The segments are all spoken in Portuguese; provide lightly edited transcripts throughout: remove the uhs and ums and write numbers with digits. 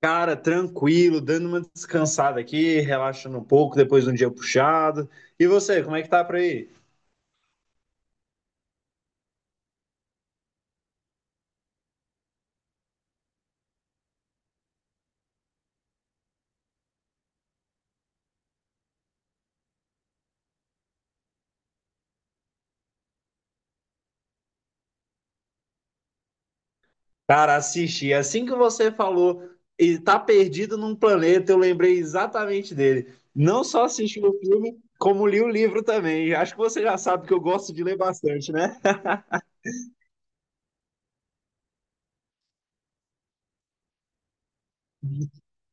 Cara, tranquilo, dando uma descansada aqui, relaxando um pouco depois de um dia puxado. E você, como é que tá por aí? Cara, assisti. Assim que você falou, ele tá perdido num planeta, eu lembrei exatamente dele. Não só assisti o filme, como li o livro também. Acho que você já sabe que eu gosto de ler bastante, né?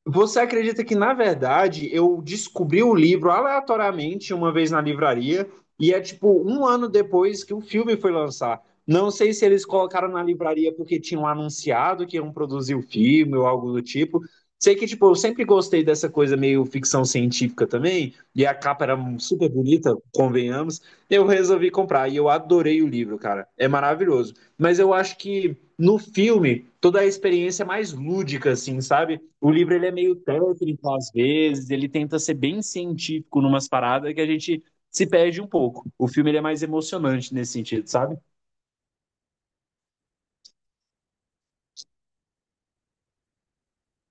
Você acredita que, na verdade, eu descobri o livro aleatoriamente uma vez na livraria, e é tipo um ano depois que o filme foi lançar. Não sei se eles colocaram na livraria porque tinham anunciado que iam produzir o filme ou algo do tipo. Sei que, tipo, eu sempre gostei dessa coisa meio ficção científica também, e a capa era super bonita, convenhamos. Eu resolvi comprar e eu adorei o livro, cara. É maravilhoso. Mas eu acho que no filme, toda a experiência é mais lúdica, assim, sabe? O livro ele é meio técnico às vezes, ele tenta ser bem científico numas paradas que a gente se perde um pouco. O filme ele é mais emocionante nesse sentido, sabe?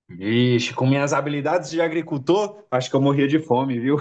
Vixe, com minhas habilidades de agricultor, acho que eu morria de fome, viu?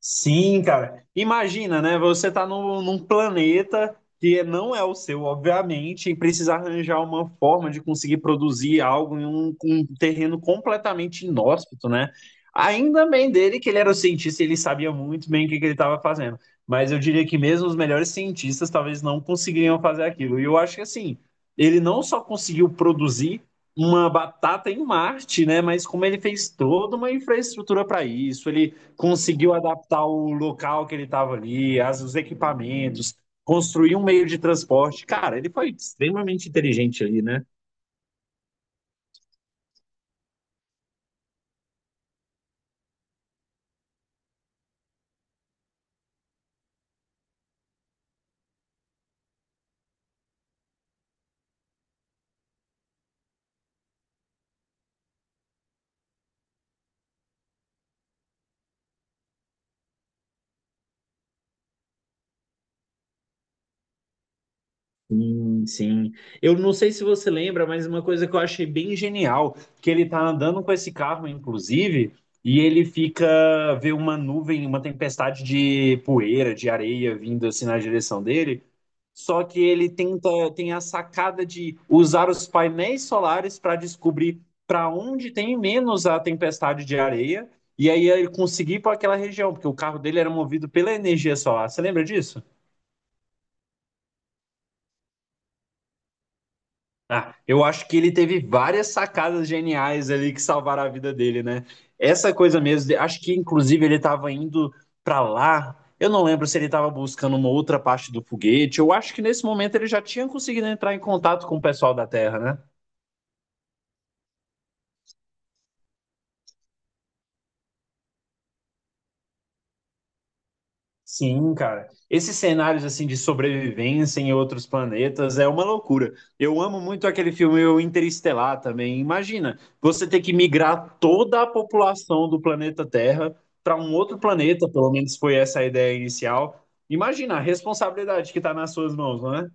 Sim, cara. Imagina, né? Você tá num planeta que não é o seu, obviamente, e precisa arranjar uma forma de conseguir produzir algo em um terreno completamente inóspito, né? Ainda bem dele que ele era o cientista, e ele sabia muito bem o que, que ele estava fazendo. Mas eu diria que mesmo os melhores cientistas talvez não conseguiriam fazer aquilo. E eu acho que assim, ele não só conseguiu produzir uma batata em Marte, né? Mas como ele fez toda uma infraestrutura para isso, ele conseguiu adaptar o local que ele estava ali, as, os equipamentos, construir um meio de transporte. Cara, ele foi extremamente inteligente ali, né? Sim, sim. Eu não sei se você lembra, mas uma coisa que eu achei bem genial, que ele tá andando com esse carro, inclusive, e ele fica vê uma nuvem, uma tempestade de poeira, de areia vindo assim na direção dele. Só que ele tenta Tem a sacada de usar os painéis solares para descobrir para onde tem menos a tempestade de areia e aí ele conseguir ir para aquela região, porque o carro dele era movido pela energia solar. Você lembra disso? Ah, eu acho que ele teve várias sacadas geniais ali que salvaram a vida dele, né? Essa coisa mesmo, acho que inclusive ele estava indo para lá. Eu não lembro se ele estava buscando uma outra parte do foguete. Eu acho que nesse momento ele já tinha conseguido entrar em contato com o pessoal da Terra, né? Sim, cara. Esses cenários assim de sobrevivência em outros planetas é uma loucura. Eu amo muito aquele filme o Interestelar também. Imagina, você ter que migrar toda a população do planeta Terra para um outro planeta, pelo menos foi essa a ideia inicial. Imagina a responsabilidade que está nas suas mãos, não é?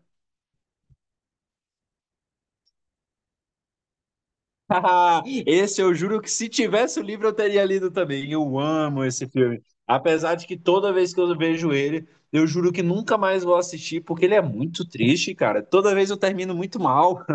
Esse eu juro que se tivesse o livro eu teria lido também. Eu amo esse filme. Apesar de que toda vez que eu vejo ele, eu juro que nunca mais vou assistir, porque ele é muito triste, cara. Toda vez eu termino muito mal.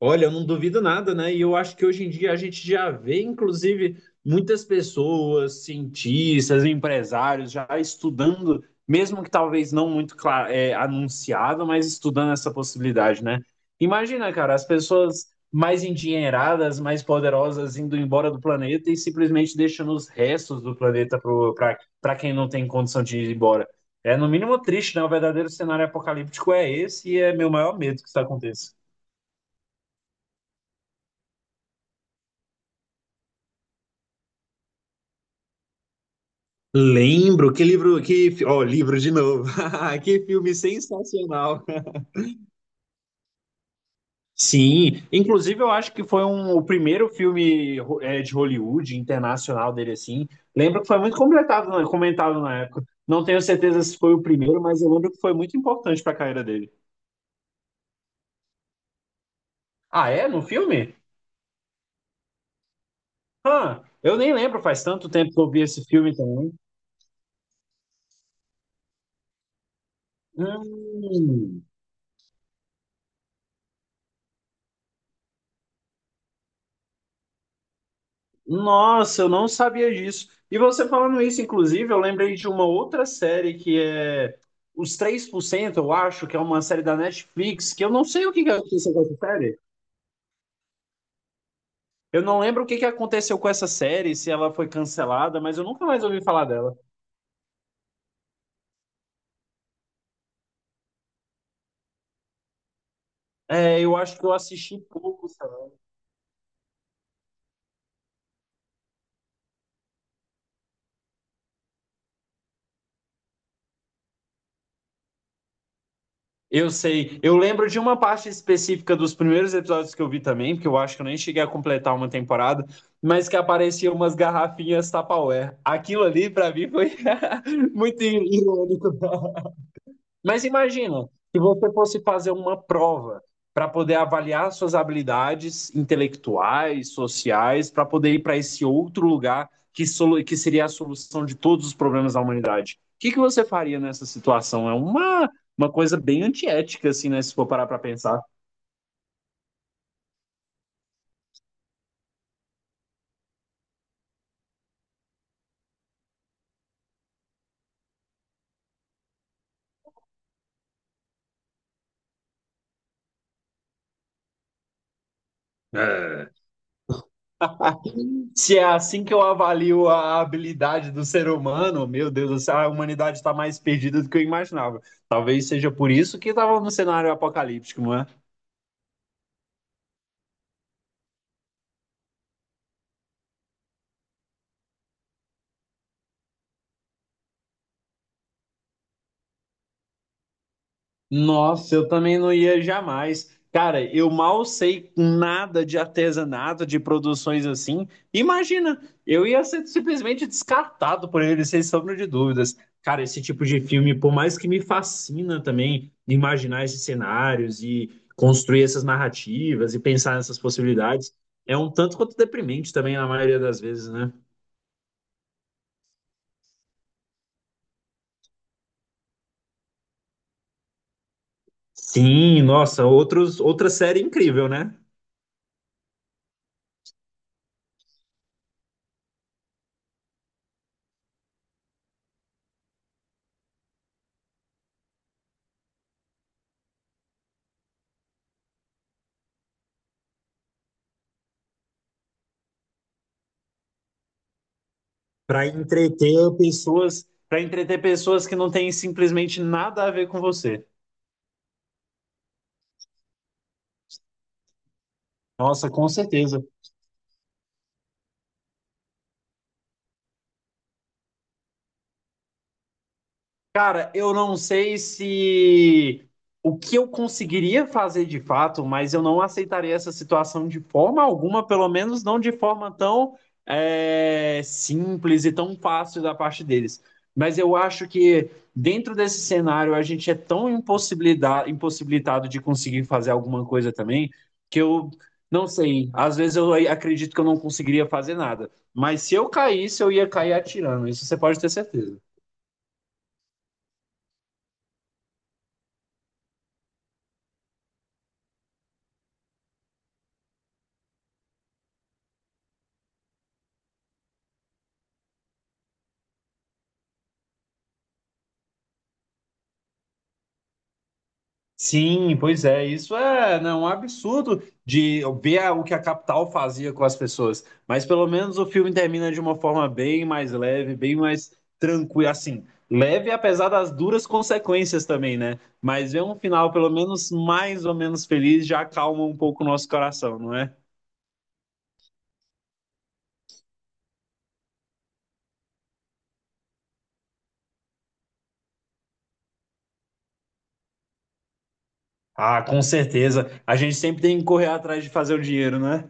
Olha, eu não duvido nada, né? E eu acho que hoje em dia a gente já vê, inclusive, muitas pessoas, cientistas, empresários, já estudando, mesmo que talvez não muito anunciado, mas estudando essa possibilidade, né? Imagina, cara, as pessoas mais endinheiradas, mais poderosas indo embora do planeta e simplesmente deixando os restos do planeta para quem não tem condição de ir embora. É no mínimo triste, né? O verdadeiro cenário apocalíptico é esse e é meu maior medo que isso aconteça. Lembro, que livro, ó, livro de novo. Que filme sensacional. Sim, inclusive eu acho que foi um, o primeiro filme de Hollywood internacional dele assim. Lembro que foi muito completado, né, comentado na época. Não tenho certeza se foi o primeiro, mas eu lembro que foi muito importante para a carreira dele. Ah, é? No filme? Ah, eu nem lembro, faz tanto tempo que eu vi esse filme também. Hum. Nossa, eu não sabia disso. E você falando isso, inclusive, eu lembrei de uma outra série que é Os 3%. Eu acho, que é uma série da Netflix, que eu não sei o que que aconteceu com essa série. Eu não lembro o que que aconteceu com essa série, se ela foi cancelada, mas eu nunca mais ouvi falar dela. É, eu acho que eu assisti pouco. Eu sei. Eu lembro de uma parte específica dos primeiros episódios que eu vi também, porque eu acho que eu nem cheguei a completar uma temporada, mas que apareciam umas garrafinhas Tupperware. Aquilo ali, pra mim, foi muito irônico. Mas imagina, se você fosse fazer uma prova para poder avaliar suas habilidades intelectuais, sociais, para poder ir para esse outro lugar que, que seria a solução de todos os problemas da humanidade. O que que você faria nessa situação? É uma coisa bem antiética, assim, né? Se for parar para pensar. É, se é assim que eu avalio a habilidade do ser humano, meu Deus, do céu, a humanidade está mais perdida do que eu imaginava. Talvez seja por isso que estava no cenário apocalíptico, não é? Nossa, eu também não ia jamais. Cara, eu mal sei nada de artesanato, de produções assim. Imagina, eu ia ser simplesmente descartado por ele, sem sombra de dúvidas. Cara, esse tipo de filme, por mais que me fascina também imaginar esses cenários e construir essas narrativas e pensar nessas possibilidades, é um tanto quanto deprimente também na maioria das vezes, né? Sim, nossa, outra série incrível, né? Para entreter pessoas, para entreter pessoas que não têm simplesmente nada a ver com você. Nossa, com certeza. Cara, eu não sei se o que eu conseguiria fazer de fato, mas eu não aceitaria essa situação de forma alguma, pelo menos não de forma tão simples e tão fácil da parte deles. Mas eu acho que dentro desse cenário a gente é tão impossibilitado de conseguir fazer alguma coisa também, que eu não sei. Às vezes eu acredito que eu não conseguiria fazer nada. Mas se eu caísse, eu ia cair atirando. Isso você pode ter certeza. Sim, pois é, isso é, né, um absurdo de ver o que a capital fazia com as pessoas, mas pelo menos o filme termina de uma forma bem mais leve, bem mais tranquila, assim, leve apesar das duras consequências também, né? Mas ver um final pelo menos mais ou menos feliz já acalma um pouco o nosso coração, não é? Ah, com certeza. A gente sempre tem que correr atrás de fazer o dinheiro, né?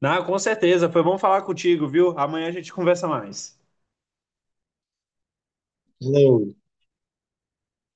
Não, com certeza. Foi bom falar contigo, viu? Amanhã a gente conversa mais. Valeu.